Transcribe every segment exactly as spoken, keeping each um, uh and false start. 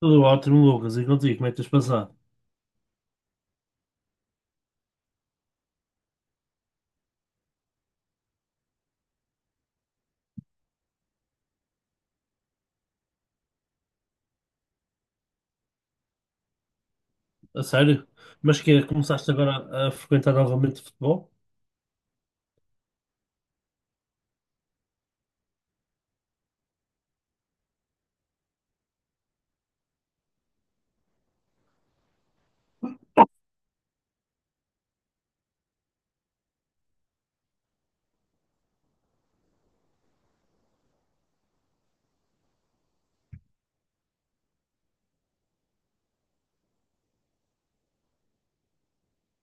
Tudo ótimo, Lucas. E contigo, como é que tens passado? A sério? Mas que é, começaste agora a frequentar novamente futebol?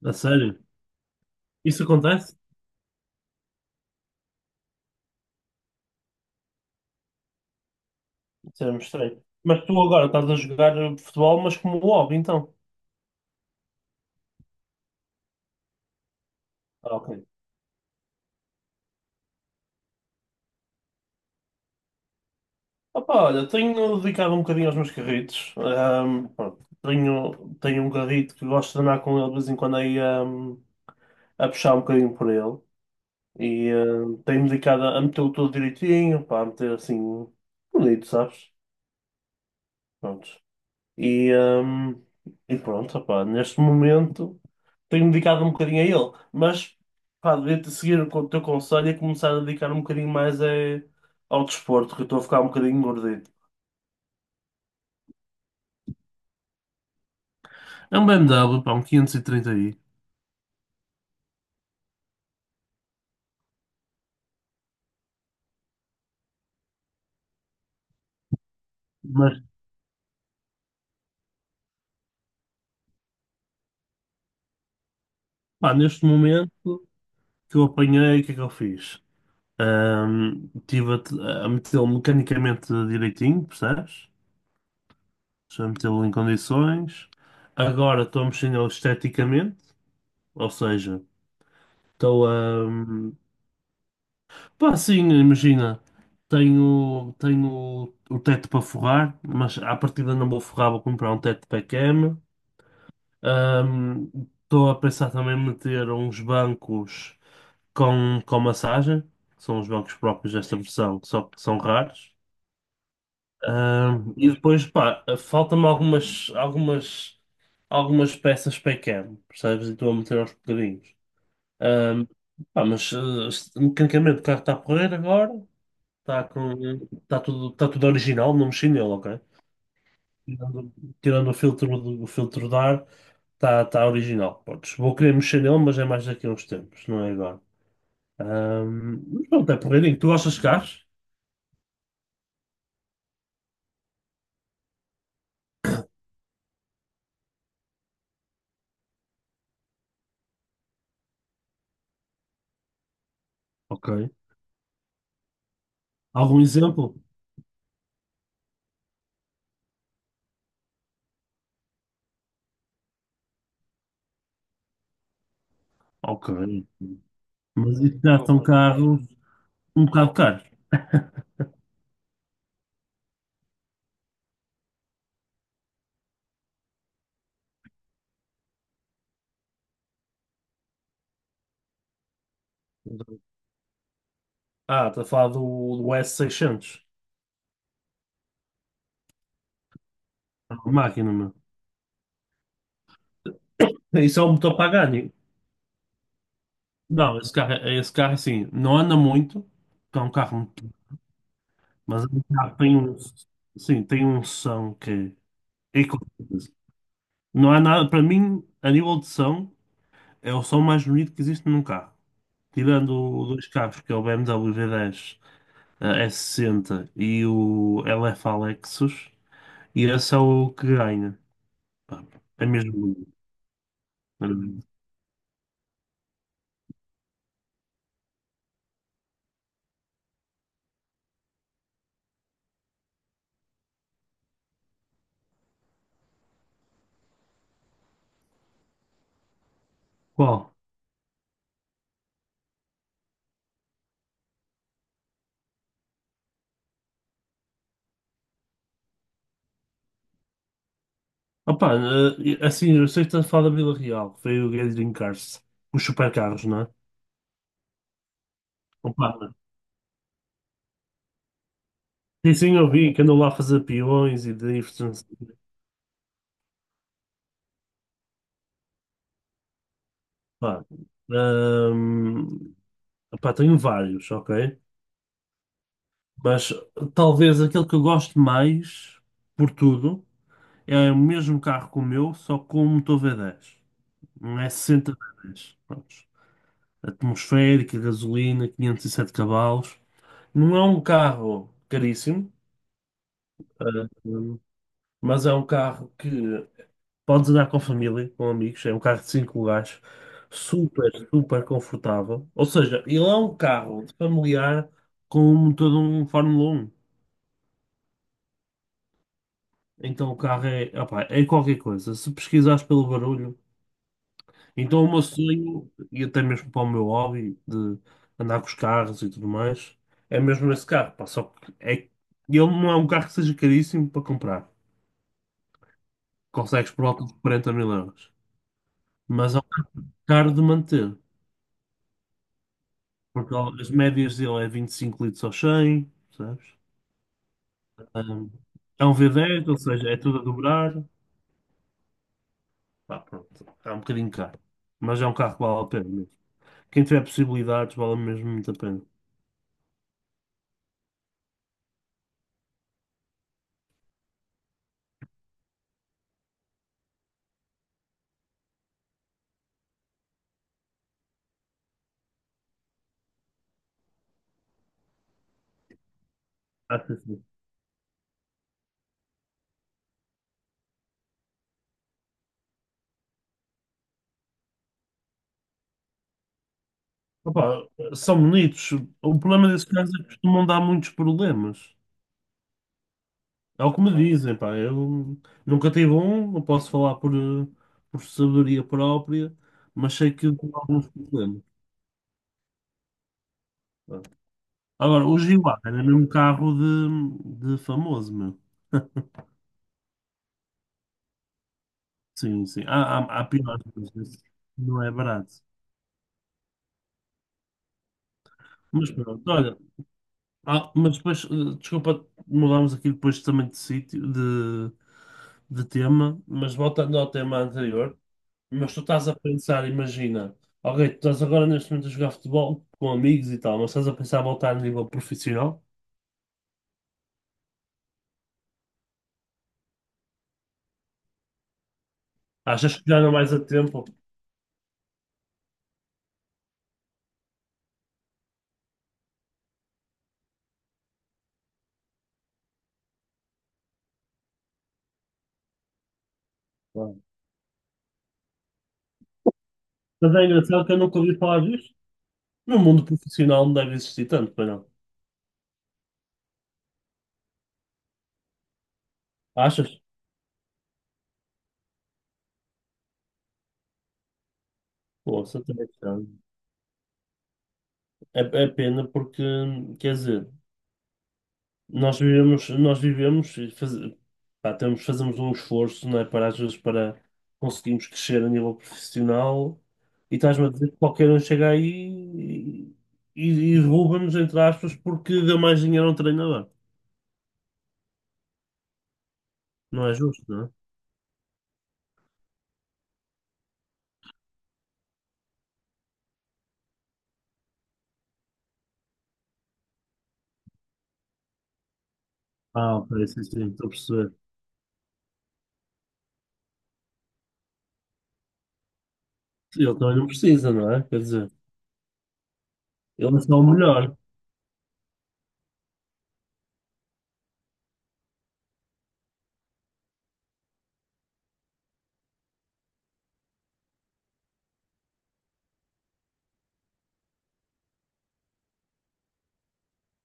A sério? Isso acontece? Isso era estranho. Mas tu agora estás a jogar futebol, mas como hobby, então? Ah, ok. Opa, olha, tenho dedicado um bocadinho aos meus carritos. Ahm, pronto, tenho, tenho um carrito que gosto de andar com ele de vez em quando aí, ahm, a puxar um bocadinho por ele. E ahm, tenho-me dedicado a metê-lo todo direitinho, pá, a meter assim bonito, sabes? Pronto. E, hum, e pronto, opá, neste momento tenho-me dedicado um bocadinho a ele, mas pá, devia-te seguir o co- teu conselho e começar a dedicar um bocadinho mais eh, ao desporto, que eu estou a ficar um bocadinho gordito. É um B M W, pá, um quinhentos e trinta i. Mas pá, neste momento, que eu apanhei, o que é que eu fiz? Hum, Estive a, te- a metê-lo mecanicamente direitinho, percebes? Estou a metê-lo em condições. Agora estou a mexer nele esteticamente, ou seja. Estou a, hum, Pá, sim, imagina. Tenho, tenho o teto para forrar, mas à partida não vou forrar, vou comprar um teto para a cama. Estou a pensar também em meter uns bancos com, com massagem, que são os bancos próprios desta versão, que só que são raros. Ahm, e depois, pá, faltam-me algumas, algumas, algumas peças para a cama, percebes? E estou a meter aos bocadinhos. Ahm, Pá, mas eh, mecanicamente o carro está a correr agora. Está com, tá tudo, tá tudo original, não mexi nele, ok? Tirando, Tirando o filtro, do- o filtro de ar, está tá tá original. Podes, vou querer mexer nele, mas é mais daqui a uns tempos, não é agora. Ahm, mas pronto, é porreirinho. Tu gostas de carros? Ok. Algum exemplo? Ok. Mas isso já são carros um bocado caros. Ah, está a falar do, do s seiscentos. É uma máquina, meu. Isso é um motor Pagani. Não, esse carro, é, esse carro assim, não anda muito. É um carro. Mas há- tem um, sim, tem um som que é qualquer coisa. Não há nada, para mim, a nível de som, é o som mais bonito que existe num carro. Tirando o- dois carros, que é o B M W v dez, eh, s sessenta, e o L F Lexus, e esse é o que ganha. Pá, é mesmo bonito. Eh, Qual? Opa, eh, assim, eu sei que estás a falar da Vila Real, que foi o Gathering Cars, os supercarros, não é? Opa, sim, sim, eu vi que andou lá a fazer peões e drifts. Pá, hum, pá, tenho vários, ok? Mas talvez aquele que eu gosto mais, por tudo, é o mesmo carro que o meu, só com um motor v dez, um S sessenta v dez. Prontos. Atmosférica, gasolina, quinhentos e sete cavalos. Não é um carro caríssimo, ah, hum, mas é um carro que podes andar com a família, com amigos. É um carro de cinco lugares, super, super confortável. Ou seja, ele é um carro familiar com um motor de um Fórmula Um. Então o carro é, opá, é qualquer coisa. Se pesquisares pelo barulho, então o meu sonho, e até mesmo para o meu hobby de andar com os carros e tudo mais, é mesmo esse carro. Pá. Só que é, ele não é um carro que seja caríssimo para comprar. Consegues por volta de quarenta mil euros. Mas é um carro caro de manter. Porque as médias dele é vinte e cinco litros ao cem, sabes? Um, é um V dez, ou seja, é tudo a dobrar. Pá, pronto, é um bocadinho caro. Mas é um carro que vale a pena mesmo. Quem tiver possibilidades, vale mesmo muito a pena. Acho que sim. Opa, são bonitos. O problema desses carros é que costumam dar muitos problemas. É o que me dizem, pá. Eu nunca tive um, não posso falar por, eh, por sabedoria própria, mas sei que dão alguns problemas. Agora, o Giguá era mesmo um carro de, de famoso, meu. Sim, sim. Há, há, há piores, mas esse não é barato. Mas pronto, olha. Ah, mas depois, eh, desculpa, mudámos aqui depois também de sítio, de, de tema, mas voltando ao tema anterior, mas tu estás a pensar, imagina, ok, tu estás agora neste momento a jogar futebol com amigos e tal, mas estás a pensar em voltar a nível profissional? Achas que já não vais a tempo? Claro. Mas é engraçado que eu nunca ouvi falar disto. No mundo profissional não deve existir tanto, pois não. Achas? Poxa, até é estranho. É, é pena porque, quer dizer, nós vivemos, nós vivemos e faz, pá, temos, fazemos um esforço, não é, para às vezes para conseguirmos crescer a nível profissional, e estás-me a dizer que qualquer um chega aí e, e, e, rouba-nos, entre aspas, porque deu mais dinheiro a um treinador. Não é justo, não é? Ah, ok, sim, sim, estou a perceber. Ele também não precisa, não é? Quer dizer, ele é só o melhor.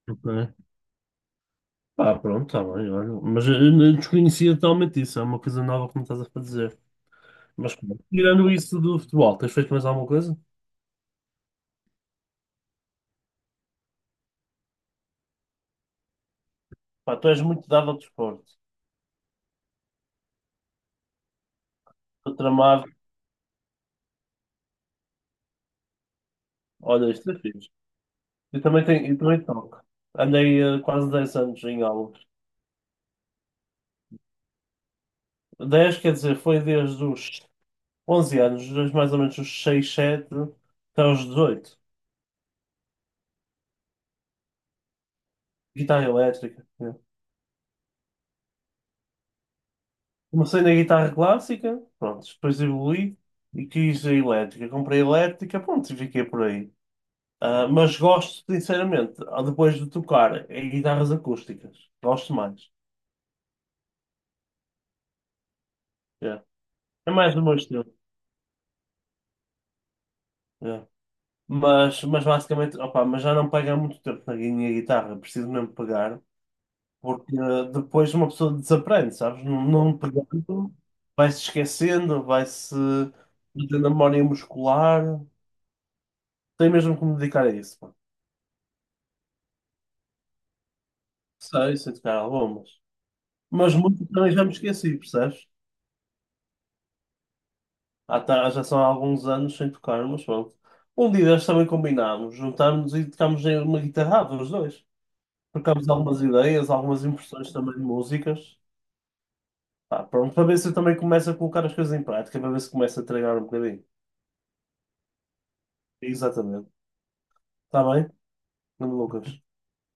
Ok. Ah, pronto, tá bem, olha. Mas eu não desconhecia totalmente isso, é uma coisa nova que me estás a fazer. Mas pronto, tirando isso do futebol, tens feito mais alguma coisa? Pá, tu és muito dado ao desporto. Estou tramado. Olha, isto é fixe. Eu também tenho, eu também toco. Andei eh, quase dez anos em aulas. Dez, quer dizer, foi desde os onze anos, desde mais ou menos os seis, sete, até os dezoito. Guitarra elétrica, né? Comecei na guitarra clássica, pronto, depois evoluí e quis a elétrica. Comprei a elétrica, pronto, e fiquei por aí. Ah, mas gosto, sinceramente, ah, depois de tocar em guitarras acústicas, gosto mais. Yeah. É mais do meu estilo. Yeah. Mas, mas basicamente, opa, mas já não pego há muito tempo na minha guitarra. Preciso mesmo pegar, porque ah, depois uma pessoa desaprende, sabes? Não, não pegando, vai-se esquecendo, vai-se perdendo a memória muscular. Tem mesmo que me dedicar a isso, pá. Sei, sei tocar algumas. Mas muito também já me esqueci, percebes? Ah, tá, já são há alguns anos sem tocar, mas pronto. Um dia destes também combinámos, juntámos e tocámos em uma guitarrada, os dois. Trocámos algumas ideias, algumas impressões também de músicas. Pá, pronto, para ver se eu também começo a colocar as coisas em prática, para ver se começo a treinar um bocadinho. Exatamente. Está bem, Nuno Lucas?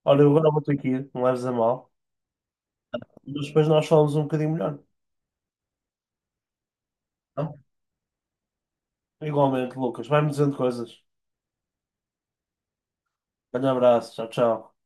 Olha, eu agora vou ter que ir, não leves a mal. Mas depois nós falamos um bocadinho melhor. Não? Igualmente, Lucas. Vai-me dizendo coisas. Grande abraço, tchau, tchau.